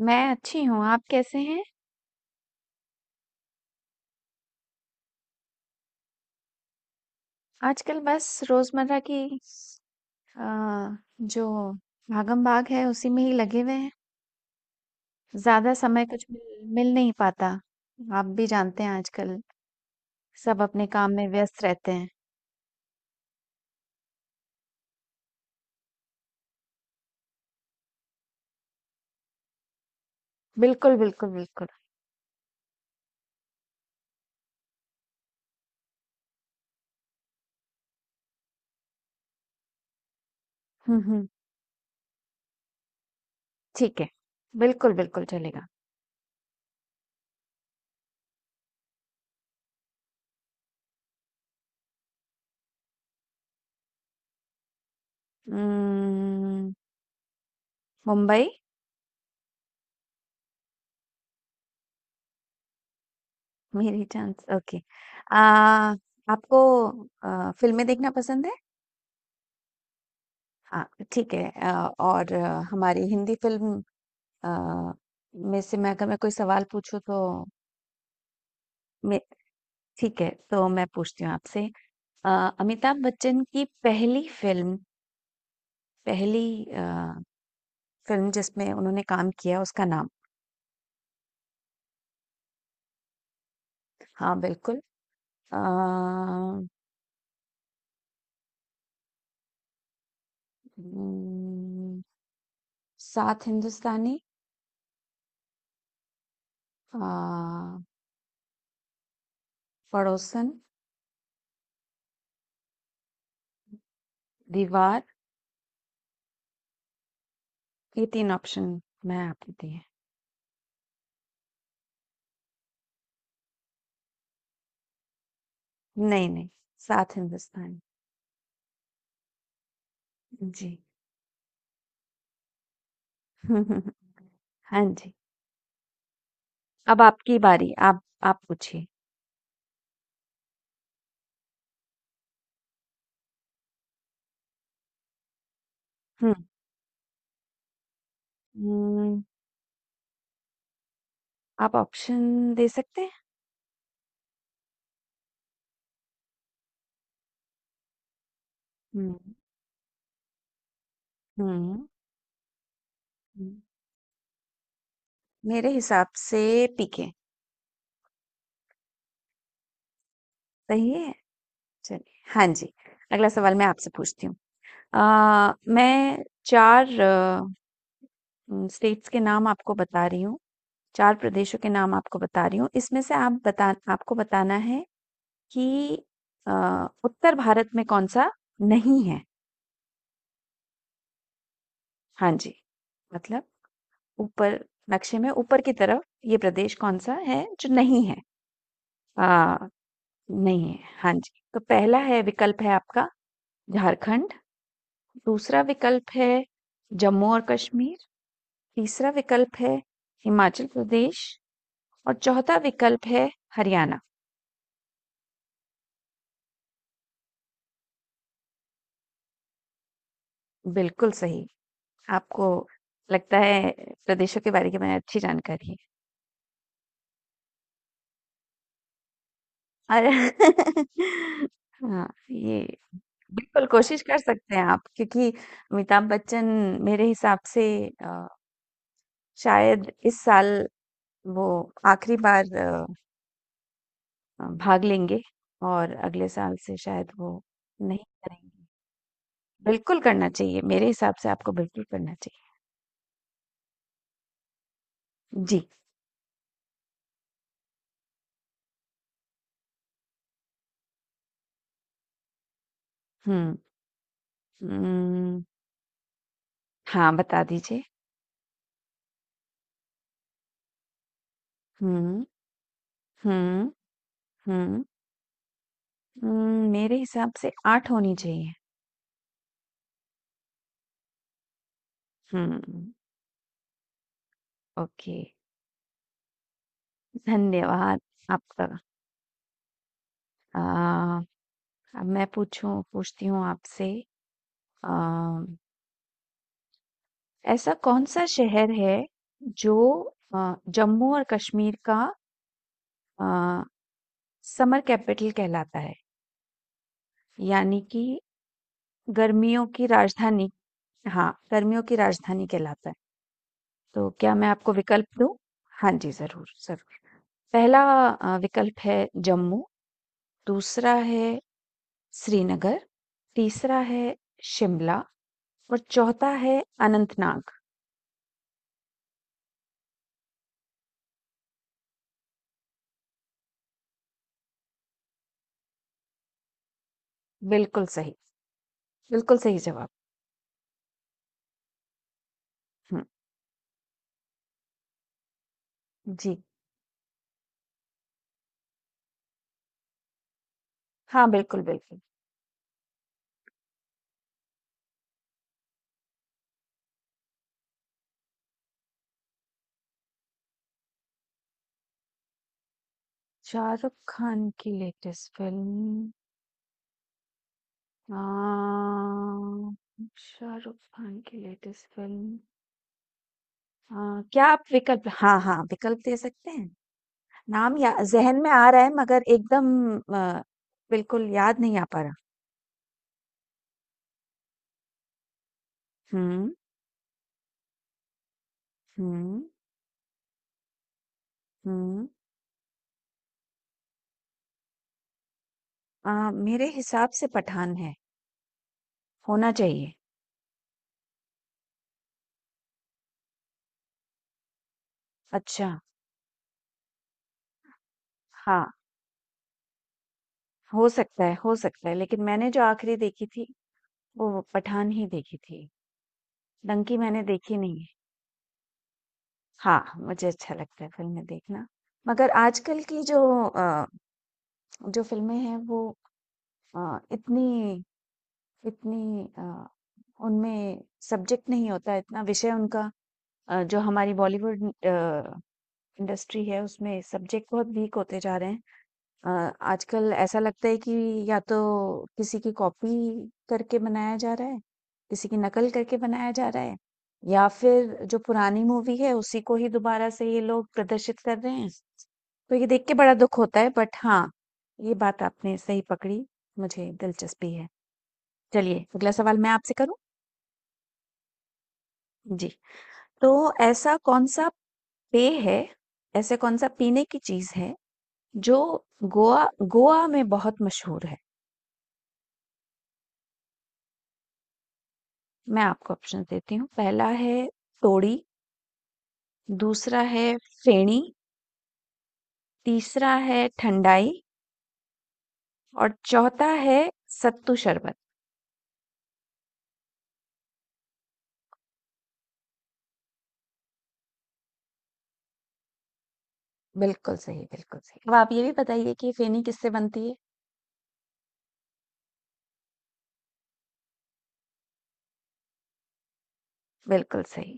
मैं अच्छी हूँ, आप कैसे हैं? आजकल बस रोज़मर्रा की जो भागम-भाग है उसी में ही लगे हुए हैं। ज़्यादा समय कुछ मिल मिल नहीं पाता। आप भी जानते हैं आजकल सब अपने काम में व्यस्त रहते हैं। बिल्कुल, बिल्कुल, बिल्कुल। हुँ, हुँ। ठीक है। बिल्कुल, बिल्कुल चलेगा। उम्म, मुंबई मेरी चांस ओके। आपको फ़िल्में देखना पसंद है? हाँ, ठीक है। और हमारी हिंदी फ़िल्म अ, मेरे से मैं अगर मैं कोई सवाल पूछूँ तो मैं ठीक है, तो मैं पूछती हूँ आपसे। अ, अमिताभ बच्चन की पहली फ़िल्म पहली अ, फ़िल्म जिसमें उन्होंने काम किया उसका नाम? हाँ, बिल्कुल। अ, उम, सात हिंदुस्तानी, अ, पड़ोसन, दीवार ये 3 ऑप्शन मैं आपको दिए हैं। नहीं, नहीं, सात हिंदुस्तानी। जी। हाँ जी। अब आपकी बारी, आप पूछिए। हुँ। हुँ, आप ऑप्शन दे सकते हैं? हुँ, हुँ, हुँ। मेरे हिसाब से पीके, सही है? चलिए, हाँ जी। अगला सवाल मैं आपसे पूछती हूँ। मैं 4 स्टेट्स के नाम आपको बता रही हूँ, 4 प्रदेशों के नाम आपको बता रही हूँ। इसमें से आप बता आपको बताना है कि अ, उत्तर भारत में कौन-सा नहीं है? हाँ जी, मतलब ऊपर नक्शे में ऊपर की तरफ ये प्रदेश कौन-सा है जो नहीं है? अ नहीं है, हाँ जी। तो पहला है विकल्प है आपका झारखंड, दूसरा विकल्प है जम्मू और कश्मीर, तीसरा विकल्प है हिमाचल प्रदेश और चौथा विकल्प है हरियाणा। बिल्कुल सही, आपको लगता है प्रदेशों के बारे के में अच्छी जानकारी है। और हाँ, ये बिल्कुल कोशिश कर सकते हैं आप क्योंकि अमिताभ बच्चन मेरे हिसाब से अ, शायद इस साल वो आखिरी बार भाग लेंगे और अगले साल से शायद वो नहीं करेंगे। बिल्कुल करना चाहिए, मेरे हिसाब से आपको बिल्कुल करना चाहिए। जी, हुँ, उम, हाँ, बता दीजिए। हुँ, हुँ, हुँ, मेरे हिसाब से 8 होनी चाहिए। हुँ, ओके, धन्यवाद आपका। अ, अब मैं पूछूँ पूछती हूँ आपसे अ, ऐसा कौन-सा शहर है जो जम्मू और कश्मीर का अ समर कैपिटल कहलाता है यानी कि गर्मियों की राजधानी हाँ गर्मियों की राजधानी कहलाता है तो क्या मैं आपको विकल्प दूं हाँ जी जरूर जरूर पहला विकल्प है जम्मू दूसरा है श्रीनगर तीसरा है शिमला और चौथा है अनंतनाग बिल्कुल सही बिल्कुल सही जवाब हम्म जी हाँ बिल्कुल बिल्कुल शाहरुख खान की लेटेस्ट फिल्म अ, शाहरुख खान की लेटेस्ट फिल्म अ, क्या आप विकल्प हाँ हाँ विकल्प दे सकते हैं नाम या जहन में आ रहा है मगर एकदम अ, बिल्कुल याद नहीं आ पा रहा हम्म हम्म हम्म मेरे हिसाब से पठान है होना चाहिए अच्छा हाँ हो सकता है लेकिन मैंने जो आखिरी देखी थी वो पठान ही देखी थी डंकी मैंने देखी नहीं है हाँ, मुझे अच्छा लगता है फ़िल्में देखना। मगर आजकल की जो अ, जो फ़िल्में हैं वो इतनी इतनी उनमें सब्जेक्ट नहीं होता है, इतना विषय उनका जो हमारी बॉलीवुड इंडस्ट्री है उसमें सब्जेक्ट बहुत वीक होते जा रहे हैं। अ, आजकल ऐसा लगता है कि या तो किसी की कॉपी करके बनाया जा रहा है, किसी की नकल करके बनाया जा रहा है या फिर जो पुरानी मूवी है उसी को ही दोबारा से ये लोग प्रदर्शित कर रहे हैं। तो ये देख के बड़ा दुःख होता है बट हाँ, ये बात आपने सही पकड़ी, मुझे दिलचस्पी है। चलिए अगला सवाल मैं आपसे करूँ? जी, तो ऐसा कौन-सा पेय है, ऐसे कौन-सा पीने की चीज़ है जो गोवा गोवा में बहुत मशहूर है? मैं आपको ऑप्शंस देती हूँ पहला है तोड़ी दूसरा है फेणी तीसरा है ठंडाई और चौथा है सत्तू शरबत बिल्कुल सही अब आप ये भी बताइए कि फेनी किससे बनती है बिल्कुल सही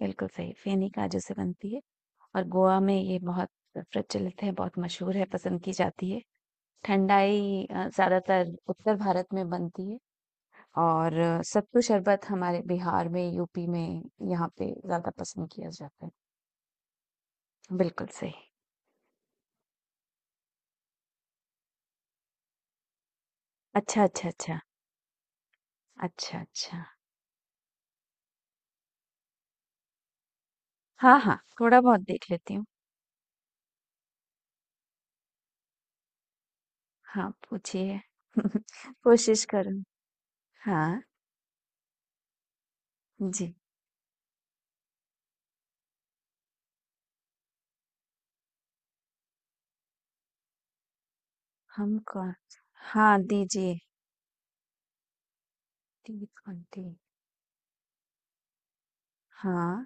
बिल्कुल सही फेनी काजू से बनती है और गोवा में ये बहुत प्रचलित है बहुत मशहूर है पसंद की जाती है ठंडाई ज्यादातर उत्तर भारत में बनती है और सत्तू शरबत हमारे बिहार में यूपी में यहाँ पे ज्यादा पसंद किया जाता है बिल्कुल सही। अच्छा, अच्छा, अच्छा। अच्छा, अच्छा। हाँ, हाँ, थोड़ा-बहुत देख लेती हूँ। हाँ, पूछिए। कोशिश करूँ। हाँ, जी। हम कौन हाँ, दीजिए। T20 हाँ,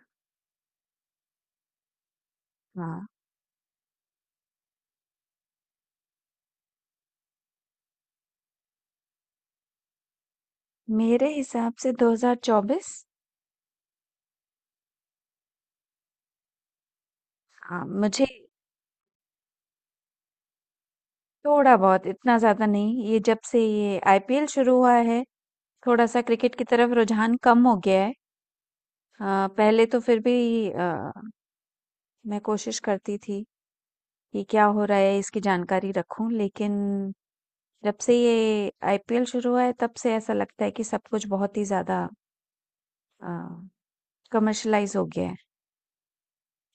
हाँ। मेरे हिसाब से 2024 हाँ, मुझे थोड़ा-बहुत इतना ज़्यादा नहीं, ये जब से ये आईपीएल शुरू हुआ है, थोड़ा-सा क्रिकेट की तरफ रुझान कम हो गया है। पहले तो फिर भी अ, मैं कोशिश करती थी कि क्या हो रहा है इसकी जानकारी रखूँ लेकिन जब से ये आईपीएल शुरू हुआ है तब से ऐसा लगता है कि सब कुछ बहुत ही ज़्यादा अ, कमर्शियलाइज़ हो गया है।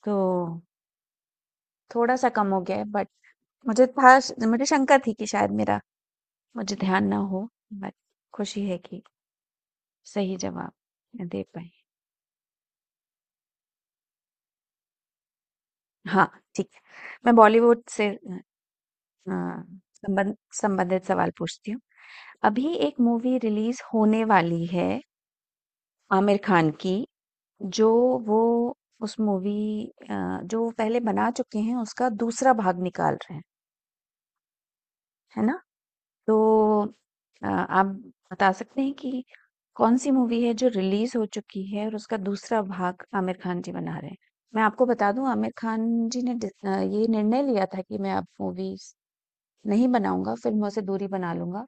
तो थोड़ा-सा कम हो गया है बट मुझे था श मुझे शंका थी कि शायद मेरा मुझे ध्यान ना हो बट खुशी है कि सही जवाब मैं दे पाई। हाँ, ठीक है। मैं बॉलीवुड से अ, संबंधित सवाल पूछती हूँ। अभी एक मूवी रिलीज़ होने वाली है आमिर खान की। जो वो उस मूवी अ, जो वो पहले बना चुके हैं उसका दूसरा भाग निकाल रहे हैं, है ना? तो आप बता सकते हैं कि कौन-सी मूवी है जो रिलीज़ हो चुकी है और उसका दूसरा भाग आमिर खान जी बना रहे हैं? मैं आपको बता दूँ आमिर खान जी ने ये निर्णय लिया था कि मैं अब मूवीज़ नहीं बनाऊँगा, फ़िल्मों से दूरी बना लूँगा।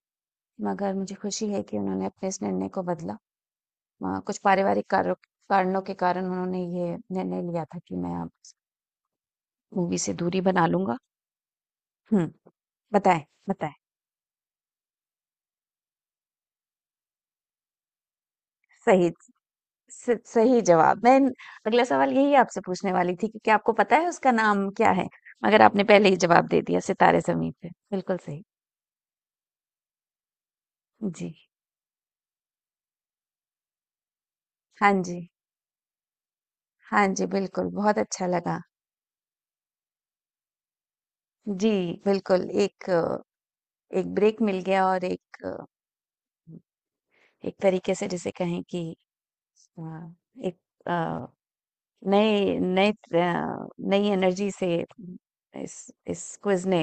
मगर मुझे खुशी है कि उन्होंने अपने इस निर्णय को बदला। कुछ पारिवारिक कारों कारणों के कारण उन्होंने ये निर्णय लिया था कि मैं अब मूवी से दूरी बना लूंगा हम्म बताएं बताएं सही सही जवाब मैं अगला सवाल यही आपसे पूछने वाली थी कि क्या आपको पता है उसका नाम क्या है मगर आपने पहले ही जवाब दे दिया सितारे जमीन पे बिल्कुल सही जी हाँ जी हाँ जी बिल्कुल बहुत अच्छा लगा जी बिल्कुल एक ब्रेक मिल गया और एक तरीके से जिसे कहें कि अ, एक अ, नए नए अ, नई एनर्जी से इस इस क्विज ने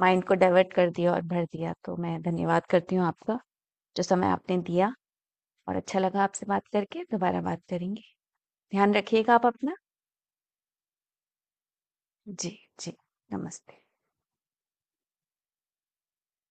माइंड को डाइवर्ट कर दिया और भर दिया। तो मैं धन्यवाद करती हूँ आपका, जो समय आपने दिया और अच्छा लगा आपसे बात करके, दोबारा बात करेंगे। ध्यान रखिएगा आप अपना। जी, जी। नमस्ते।